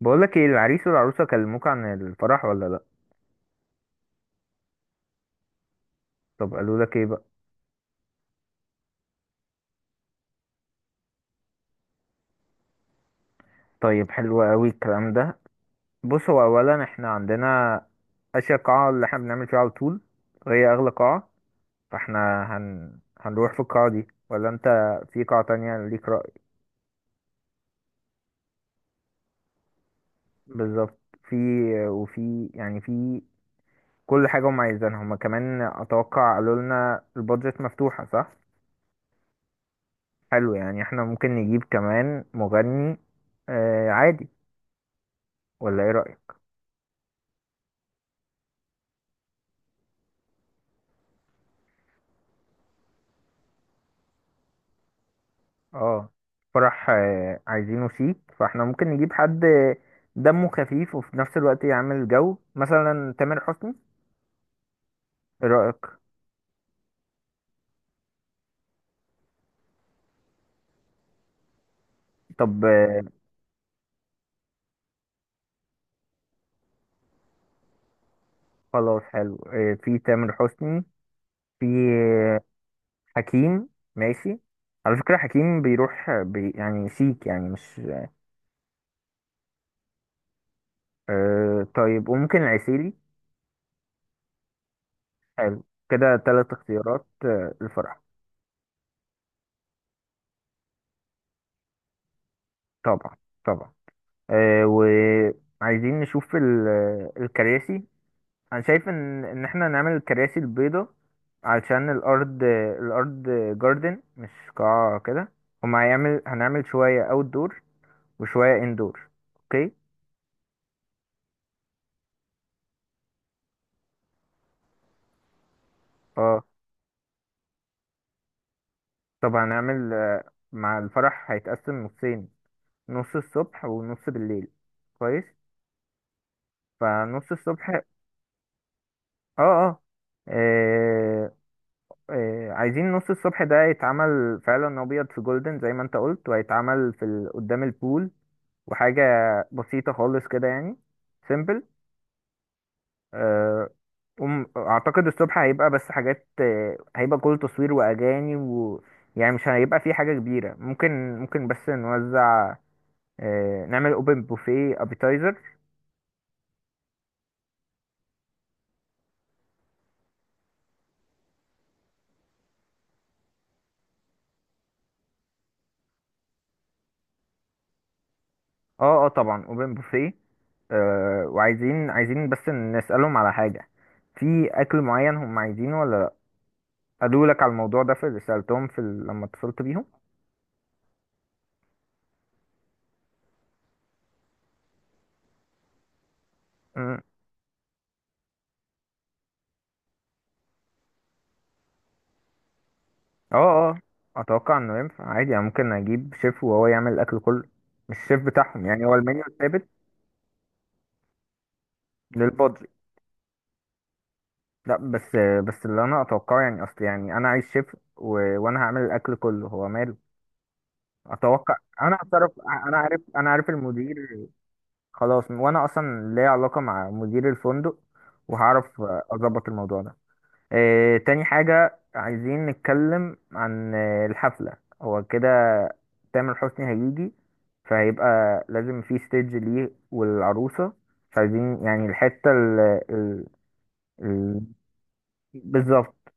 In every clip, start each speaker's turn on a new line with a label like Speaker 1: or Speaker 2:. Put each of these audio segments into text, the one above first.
Speaker 1: بقولك ايه، العريس والعروسة كلموك عن الفرح ولا لأ؟ طب قالوا لك ايه بقى؟ طيب، حلو قوي الكلام ده. بص، هو اولا احنا عندنا اشياء، قاعة اللي احنا بنعمل فيها على طول، وهي اغلى قاعة. فاحنا هنروح في القاعة دي، ولا انت في قاعة تانية ليك رأي؟ بالظبط. في وفي يعني في كل حاجة هم عايزينها، هم كمان اتوقع. قالوا لنا البادجت مفتوحة، صح؟ حلو، يعني احنا ممكن نجيب كمان مغني، آه عادي، ولا ايه رأيك؟ اه، فرح عايزينه شيك، فاحنا ممكن نجيب حد دمه خفيف وفي نفس الوقت يعمل جو، مثلا تامر حسني. ايه رأيك؟ طب خلاص، حلو. في تامر حسني، في آه، حكيم. ماشي. على فكرة حكيم بيروح آه، بي يعني شيك، يعني مش... آه، طيب. وممكن العسيلي. حلو كده، تلات اختيارات الفرح. طبعا طبعا. آه، وعايزين نشوف الكراسي. انا شايف ان احنا نعمل الكراسي البيضة علشان الارض. الارض جاردن، مش قاعة كده. هما هيعمل هنعمل شوية اوت دور وشوية اندور. اوكي. اه، طب هنعمل مع الفرح هيتقسم نصين، نص الصبح ونص بالليل. كويس. فنص الصبح، اه آه، عايزين نص الصبح ده يتعمل فعلا ابيض في جولدن زي ما انت قلت، وهيتعمل قدام البول، وحاجة بسيطة خالص كده، يعني سيمبل. أه اعتقد الصبح هيبقى بس حاجات، هيبقى كل تصوير واغاني و... يعني مش هيبقى في حاجة كبيرة. ممكن بس نوزع، نعمل اوبن بوفيه، ابيتايزر. اه اه طبعا، اوبن بوفيه. وعايزين بس نسألهم على حاجة، في اكل معين هم عايزينه ولا لا. قالوا لك على الموضوع ده في اللي سألتهم لما اتصلت بيهم؟ اه اه اتوقع انه ينفع عادي، يعني ممكن اجيب شيف وهو يعمل الاكل كله، مش الشيف بتاعهم، يعني هو المنيو الثابت للبادجت. لا، بس اللي انا اتوقعه، يعني اصل يعني انا عايز شيف و... وانا هعمل الاكل كله، هو ماله؟ اتوقع. انا هتصرف. انا عارف المدير. خلاص، وانا اصلا ليا علاقة مع مدير الفندق، وهعرف اظبط الموضوع ده. آه، تاني حاجة عايزين نتكلم عن الحفلة. هو كده، تامر حسني هيجي، فهيبقى لازم في ستيج ليه والعروسة، مش عايزين يعني الحتة ال ال... بالظبط.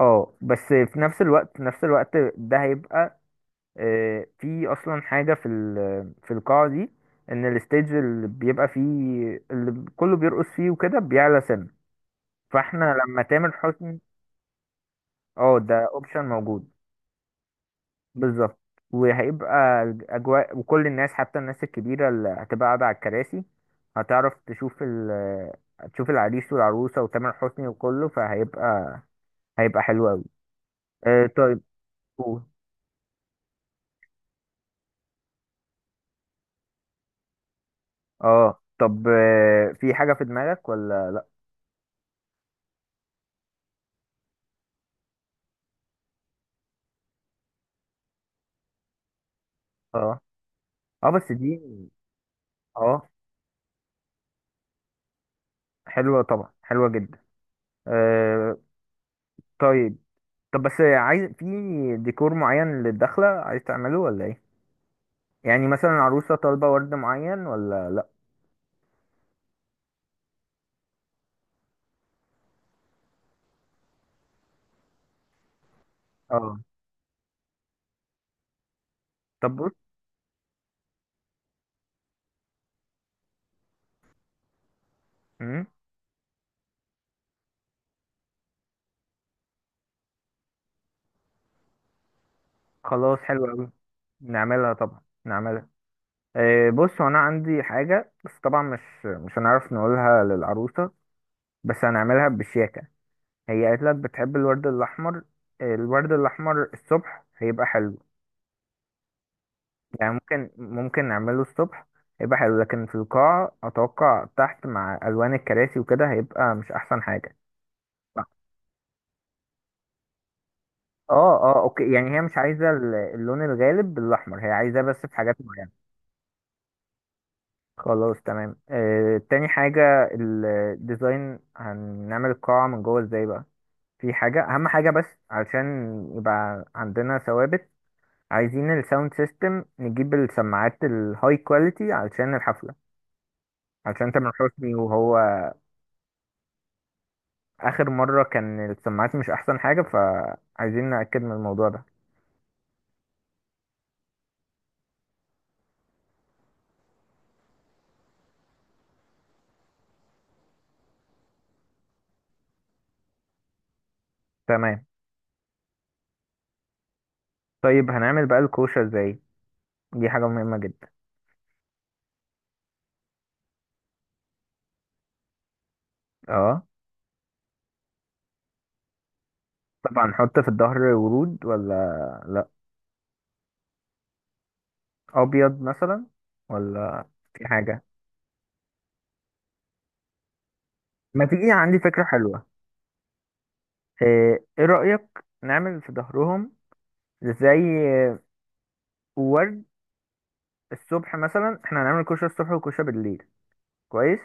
Speaker 1: اه، بس في نفس الوقت ده هيبقى في أصلا حاجة في القاعة دي، إن الستيج اللي بيبقى فيه، اللي كله بيرقص فيه وكده، بيعلى سنة. فاحنا لما تامر حسني... اه، ده اوبشن موجود. بالظبط. وهيبقى الأجواء، وكل الناس حتى الناس الكبيرة اللي هتبقى قاعدة على الكراسي هتعرف تشوف ال... تشوف العريس والعروسة وتامر حسني وكله، هيبقى حلو أوي. آه، طيب، قول. اه، طب في حاجة في دماغك ولا لأ؟ اه اه، بس دي، اه، حلوة، طبعا حلوة جدا. آه، طيب. طب بس عايز، في ديكور معين للدخلة عايز تعمله ولا ايه؟ يعني مثلا العروسة طالبة ورد معين ولا لأ؟ اه، طب بص. مم. خلاص، حلو قوي. نعملها طبعا نعملها. إيه، بص هو انا عندي حاجه، بس طبعا مش هنعرف نقولها للعروسه، بس هنعملها بشياكه. هي قالت لك بتحب الورد الاحمر، إيه، الورد الاحمر الصبح هيبقى حلو. يعني ممكن نعمله الصبح، هيبقى حلو، لكن في القاعه اتوقع تحت مع الوان الكراسي وكده هيبقى مش احسن حاجه. اه اه اوكي، يعني هي مش عايزه اللون الغالب بالاحمر، هي عايزاه بس في حاجات معينه. خلاص، تمام. آه، تاني حاجة، الديزاين هنعمل القاعة من جوه ازاي بقى. في حاجة أهم حاجة بس، علشان يبقى عندنا ثوابت، عايزين الساوند سيستم، نجيب السماعات الهاي كواليتي علشان الحفلة، علشان تامر حسني، وهو آخر مرة كان السماعات مش أحسن حاجة، فعايزين نأكد من الموضوع ده. تمام. طيب، هنعمل بقى الكوشة ازاي؟ دي حاجة مهمة جدا. اه، طبعا، نحط في الظهر ورود ولا لأ؟ ابيض مثلا، ولا في حاجه؟ ما تيجي عندي فكره حلوه. إيه رايك، نعمل في ظهرهم زي ورد؟ الصبح مثلا احنا هنعمل كشري الصبح وكشري بالليل. كويس.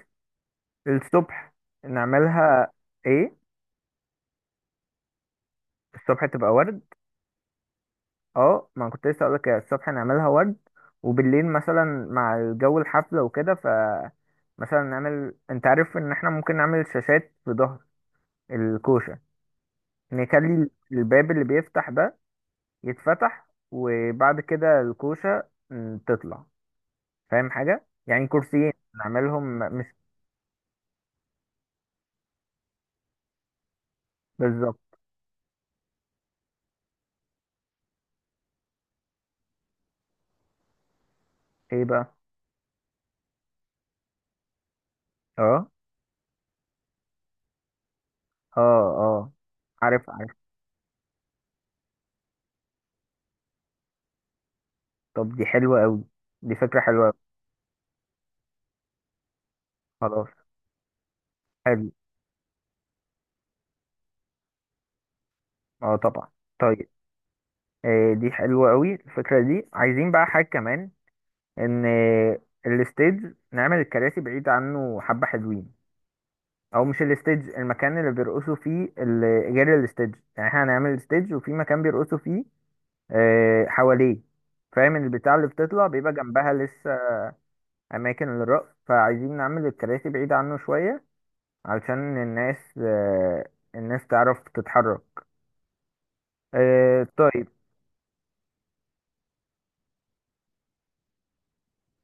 Speaker 1: الصبح نعملها ايه، الصبح تبقى ورد؟ اه، ما أنا كنت لسه اقولك كده، الصبح نعملها ورد. وبالليل مثلا مع الجو الحفله وكده، ف... مثلا نعمل، انت عارف ان احنا ممكن نعمل شاشات في ظهر الكوشه. نخلي الباب اللي بيفتح ده يتفتح، وبعد كده الكوشة، تطلع. فاهم حاجة، يعني كرسيين نعملهم مش... بالظبط. ايه بقى؟ اه اه اه، عارف عارف. طب دي حلوة قوي، دي فكرة حلوة أوي. خلاص، حلو، اه طبعا. طيب. آه، دي حلوة قوي الفكرة دي. عايزين بقى حاجة كمان، ان الستيج نعمل الكراسي بعيد عنه حبة، حلوين. او مش الستيج، المكان اللي بيرقصوا فيه، ال- غير الستيج. يعني احنا هنعمل الستيج وفي مكان بيرقصوا فيه حواليه، فاهم؟ البتاع اللي بتطلع بيبقى جنبها لسه أماكن للرقص، فعايزين نعمل الكراسي بعيدة عنه شوية علشان الناس تعرف تتحرك. طيب.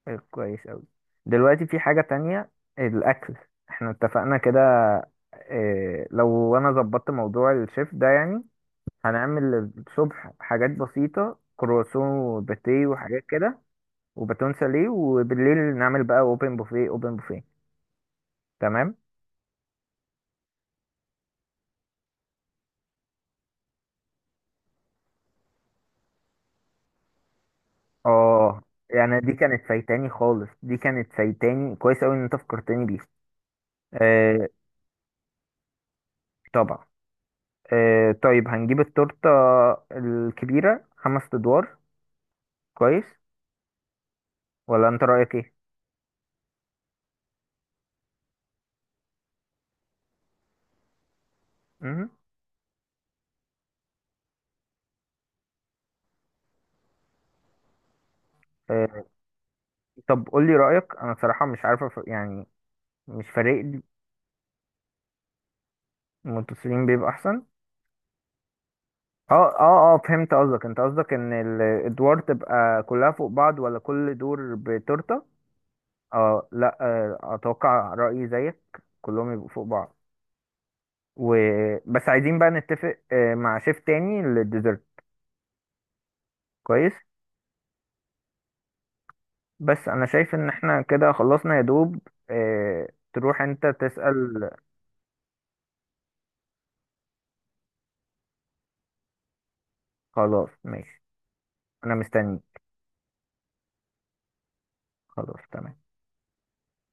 Speaker 1: كويس أوي. دلوقتي في حاجة تانية، الأكل. احنا اتفقنا كده، لو أنا ظبطت موضوع الشيف ده، يعني هنعمل الصبح حاجات بسيطة، كرواسون وباتيه وحاجات كده، وباتون ساليه، وبالليل نعمل بقى اوبن بوفيه اوبن بوفيه. تمام. اه، يعني دي كانت فايتاني خالص، دي كانت فايتاني، كويس اوي ان انت فكرتني بيها. آه طبعا. آه، طيب، هنجيب التورتة الكبيرة خمس ادوار. كويس. ولا انت رأيك ايه؟ مهم. آه، طب قول لي رأيك، انا بصراحة مش عارفة، يعني مش فارق لي. المتصلين بيبقى احسن. اه، اه اه فهمت قصدك. انت قصدك ان الادوار تبقى كلها فوق بعض، ولا كل دور بتورتة؟ اه، لا، اتوقع رأيي زيك، كلهم يبقوا فوق بعض. و... بس عايزين بقى نتفق مع شيف تاني للديزرت. كويس. بس انا شايف ان احنا كده خلصنا يا دوب. آه، تروح انت تسأل. خلاص ماشي. انا مستني. خلاص تمام.